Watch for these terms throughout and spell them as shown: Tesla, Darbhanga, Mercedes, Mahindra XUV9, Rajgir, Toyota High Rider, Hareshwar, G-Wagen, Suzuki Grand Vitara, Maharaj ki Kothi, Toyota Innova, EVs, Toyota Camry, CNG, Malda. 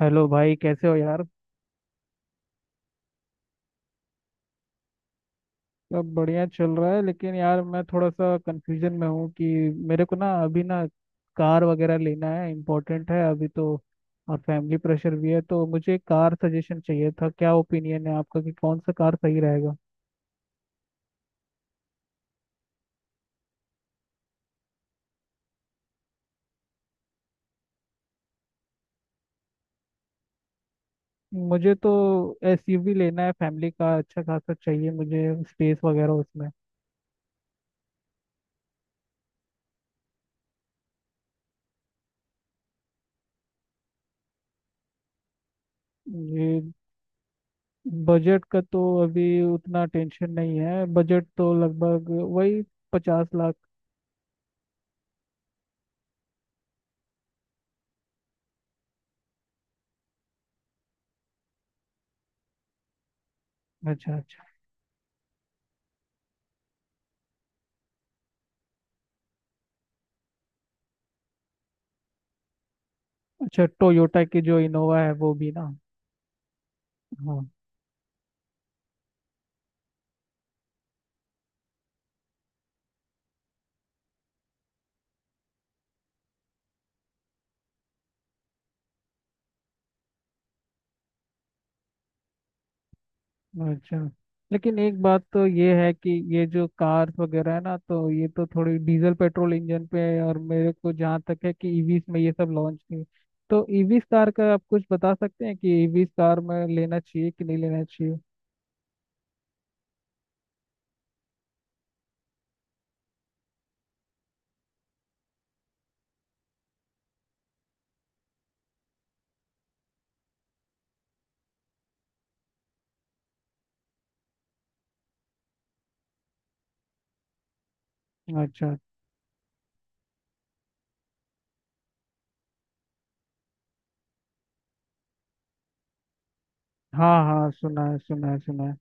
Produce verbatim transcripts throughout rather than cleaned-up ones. Hello भाई, कैसे हो यार। सब बढ़िया चल रहा है लेकिन यार मैं थोड़ा सा कंफ्यूजन में हूँ कि मेरे को ना अभी ना कार वगैरह लेना है, इम्पोर्टेंट है अभी तो। और फैमिली प्रेशर भी है तो मुझे कार सजेशन चाहिए था। क्या ओपिनियन है आपका कि कौन सा कार सही रहेगा? मुझे तो एसयूवी लेना है, फैमिली का अच्छा खासा चाहिए मुझे स्पेस वगैरह उसमें। ये बजट का तो अभी उतना टेंशन नहीं है, बजट तो लगभग वही पचास लाख। अच्छा अच्छा। अच्छा, टोयोटा की जो इनोवा है वो भी ना? हाँ। अच्छा लेकिन एक बात तो ये है कि ये जो कार्स वगैरह है ना तो ये तो थोड़ी डीजल पेट्रोल इंजन पे है, और मेरे को जहाँ तक है कि ईवीस में ये सब लॉन्च नहीं। तो ईवीस कार का आप कुछ बता सकते हैं कि ईवीस कार में लेना चाहिए कि नहीं लेना चाहिए? अच्छा। हाँ हाँ, सुना है सुना है सुना है।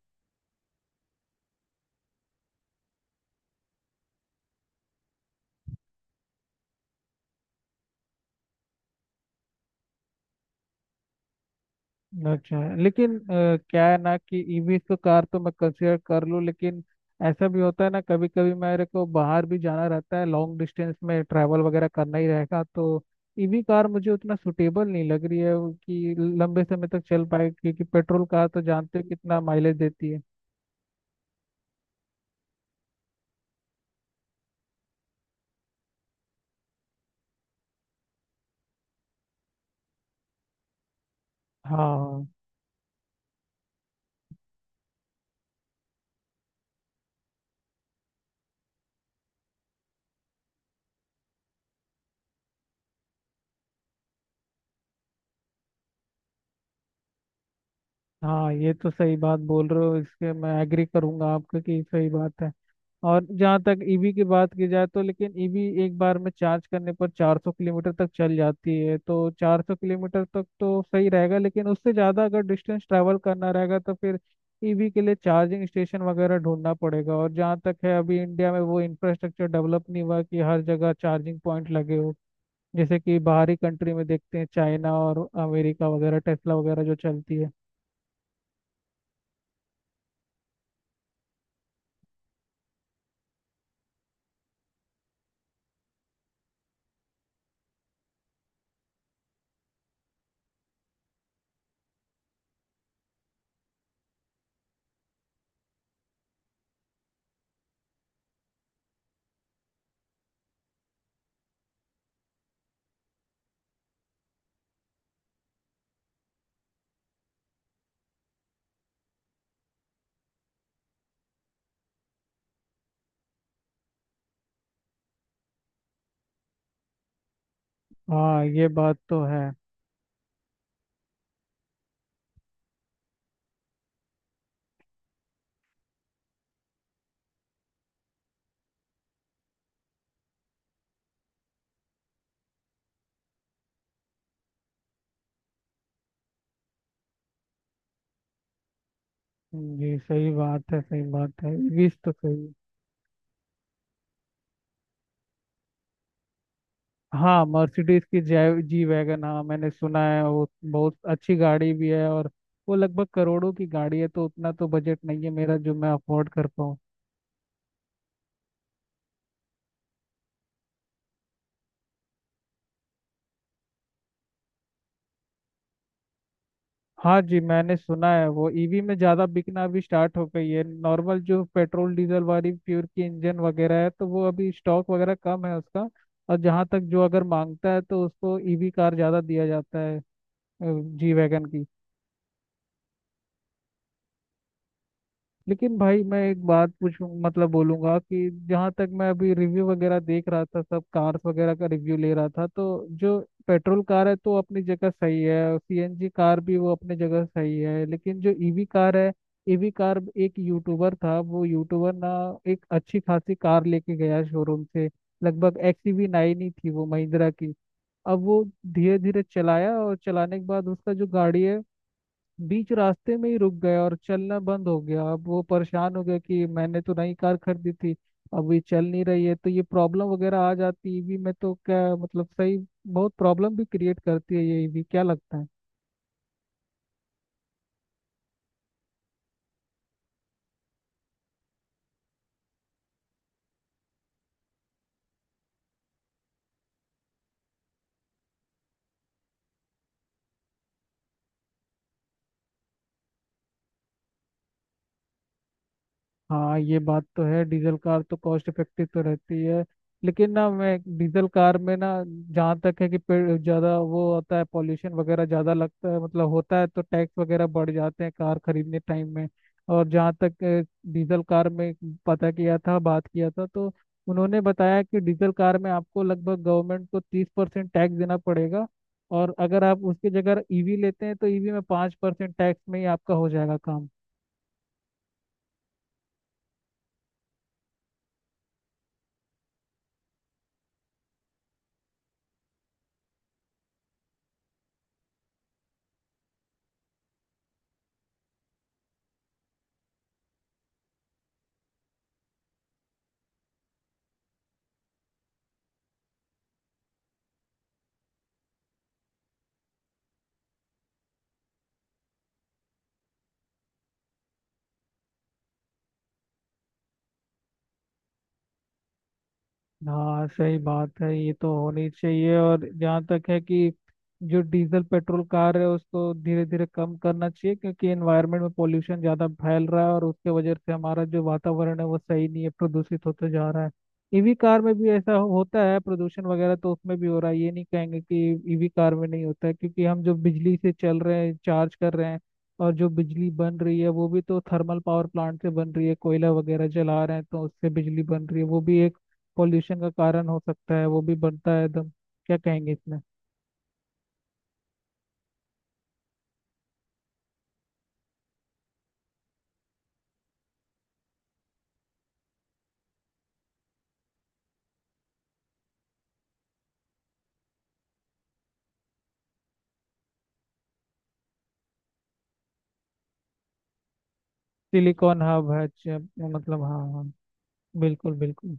अच्छा लेकिन अ, क्या है ना कि ईवी तो कार तो मैं कंसीडर कर लूँ, लेकिन ऐसा भी होता है ना कभी कभी मेरे को बाहर भी जाना रहता है, लॉन्ग डिस्टेंस में ट्रैवल वगैरह करना ही रहेगा तो ईवी कार मुझे उतना सुटेबल नहीं लग रही है, वो कि लंबे समय तक चल पाए क्योंकि पेट्रोल कार तो जानते हो कितना माइलेज देती है। हाँ। हाँ, ये तो सही बात बोल रहे हो, इसके मैं एग्री करूंगा आपका कि सही बात है। और जहाँ तक ईवी की बात की जाए तो लेकिन ईवी एक बार में चार्ज करने पर चार सौ किलोमीटर तक चल जाती है, तो चार सौ किलोमीटर तक तो सही रहेगा लेकिन उससे ज़्यादा अगर डिस्टेंस ट्रैवल करना रहेगा तो फिर ईवी के लिए चार्जिंग स्टेशन वगैरह ढूंढना पड़ेगा। और जहाँ तक है अभी इंडिया में वो इंफ्रास्ट्रक्चर डेवलप नहीं हुआ कि हर जगह चार्जिंग पॉइंट लगे हो। जैसे कि बाहरी कंट्री में देखते हैं, चाइना और अमेरिका वगैरह, टेस्ला वगैरह जो चलती है। हाँ, ये बात तो है। जी, सही बात है, सही बात है, ईवी तो सही है। हाँ, मर्सिडीज की जै- जी वैगन, हाँ मैंने सुना है, वो बहुत अच्छी गाड़ी भी है। और वो लगभग करोड़ों की गाड़ी है, तो उतना तो बजट नहीं है मेरा जो मैं अफोर्ड कर पाऊँ। हाँ जी मैंने सुना है, वो ईवी में ज़्यादा बिकना अभी स्टार्ट हो गई है, नॉर्मल जो पेट्रोल डीजल वाली प्योर की इंजन वगैरह है तो वो अभी स्टॉक वगैरह कम है उसका। और जहाँ तक, जो अगर मांगता है तो उसको ईवी कार ज़्यादा दिया जाता है जी वैगन की। लेकिन भाई मैं एक बात पूछूं, मतलब बोलूंगा कि जहां तक मैं अभी रिव्यू वगैरह देख रहा था, सब कार्स वगैरह का रिव्यू ले रहा था, तो जो पेट्रोल कार है तो अपनी जगह सही है, सीएनजी कार भी वो अपनी जगह सही है, लेकिन जो ईवी कार है, ईवी कार, एक यूट्यूबर था, वो यूट्यूबर ना एक अच्छी खासी कार लेके गया शोरूम से, लगभग एक्सयूवी नाइन ही थी वो महिंद्रा की। अब वो धीरे धीरे चलाया, और चलाने के बाद उसका जो गाड़ी है बीच रास्ते में ही रुक गया और चलना बंद हो गया। अब वो परेशान हो गया कि मैंने तो नई कार खरीदी थी, अब ये चल नहीं रही है। तो ये प्रॉब्लम वगैरह आ जाती है ईवी में, तो क्या मतलब सही, बहुत प्रॉब्लम भी क्रिएट करती है ये ईवी, क्या लगता है? हाँ, ये बात तो है, डीजल कार तो कॉस्ट इफेक्टिव तो रहती है। लेकिन ना मैं डीजल कार में ना जहाँ तक है कि पे- ज्यादा वो होता है पॉल्यूशन वगैरह, ज्यादा लगता है मतलब होता है, तो टैक्स वगैरह बढ़ जाते हैं कार खरीदने टाइम में। और जहाँ तक अ, डीजल कार में पता किया था, बात किया था, तो उन्होंने बताया कि डीजल कार में आपको लगभग गवर्नमेंट को तीस परसेंट टैक्स देना पड़ेगा, और अगर आप उसकी जगह ईवी लेते हैं तो ईवी में पाँच परसेंट टैक्स में ही आपका हो जाएगा काम। हाँ, सही बात है, ये तो होनी चाहिए। और जहाँ तक है कि जो डीजल पेट्रोल कार है उसको धीरे धीरे कम करना चाहिए, क्योंकि एनवायरनमेंट में पोल्यूशन ज़्यादा फैल रहा है और उसके वजह से हमारा जो वातावरण है वो सही नहीं है, प्रदूषित होते जा रहा है। ईवी कार में भी ऐसा हो- होता है प्रदूषण वगैरह, तो उसमें भी हो रहा है। ये नहीं कहेंगे कि ईवी कार में नहीं होता है, क्योंकि हम जो बिजली से चल रहे हैं, चार्ज कर रहे हैं, और जो बिजली बन रही है वो भी तो थर्मल पावर प्लांट से बन रही है, कोयला वगैरह जला रहे हैं तो उससे बिजली बन रही है, वो भी एक पॉल्यूशन का कारण हो सकता है, वो भी बढ़ता है एकदम। क्या कहेंगे इसमें? सिलिकॉन हब है च- मतलब, हाँ हाँ। बिल्कुल बिल्कुल।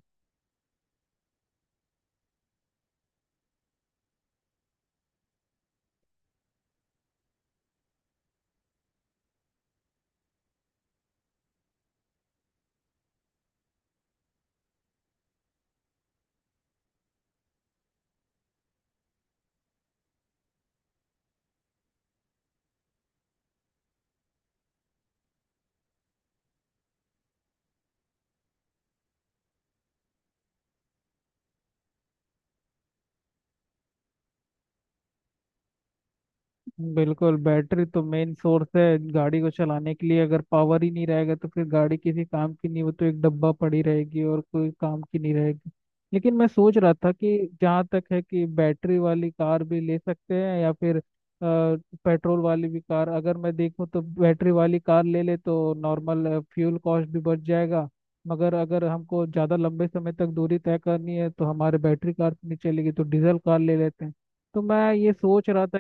बिल्कुल, बैटरी तो मेन सोर्स है, गाड़ी को चलाने के लिए अगर पावर ही नहीं रहेगा तो फिर गाड़ी किसी काम की नहीं, वो तो एक डब्बा पड़ी रहेगी और कोई काम की नहीं रहेगी। लेकिन मैं सोच रहा था कि जहाँ तक है कि बैटरी वाली कार भी ले सकते हैं या फिर पेट्रोल वाली भी कार, अगर मैं देखूँ तो बैटरी वाली कार ले ले तो नॉर्मल फ्यूल कॉस्ट भी बच जाएगा, मगर अगर हमको ज़्यादा लंबे समय तक दूरी तय करनी है तो हमारे बैटरी कार तो नहीं चलेगी, तो डीजल कार ले लेते हैं। तो मैं ये सोच रहा था।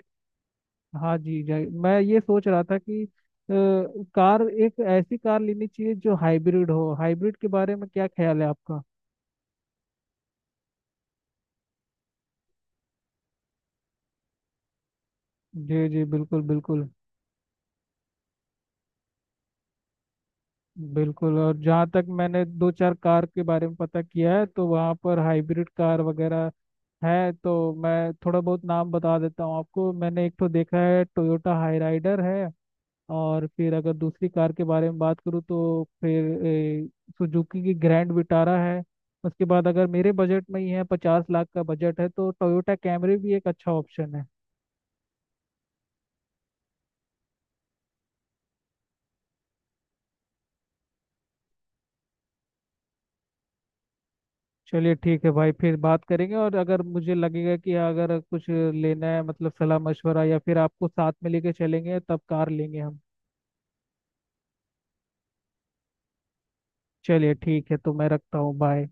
हाँ जी जी, मैं ये सोच रहा था कि अ, कार, एक ऐसी कार लेनी चाहिए जो हाइब्रिड हो, हाइब्रिड के बारे में क्या ख्याल है आपका? जी जी, बिल्कुल बिल्कुल। बिल्कुल, और जहाँ तक मैंने दो चार कार के बारे में पता किया है तो वहाँ पर हाइब्रिड कार वगैरह है, तो मैं थोड़ा बहुत नाम बता देता हूँ आपको। मैंने एक तो देखा है टोयोटा हाई राइडर है, और फिर अगर दूसरी कार के बारे में बात करूँ तो फिर सुजुकी की ग्रैंड विटारा है। उसके बाद अगर मेरे बजट में ही है, पचास लाख का बजट है, तो टोयोटा कैमरी भी एक अच्छा ऑप्शन है। चलिए ठीक है भाई, फिर बात करेंगे, और अगर मुझे लगेगा कि अगर कुछ लेना है मतलब सलाह मशवरा या फिर आपको साथ में लेके चलेंगे तब कार लेंगे हम। चलिए ठीक है, तो मैं रखता हूँ, बाय।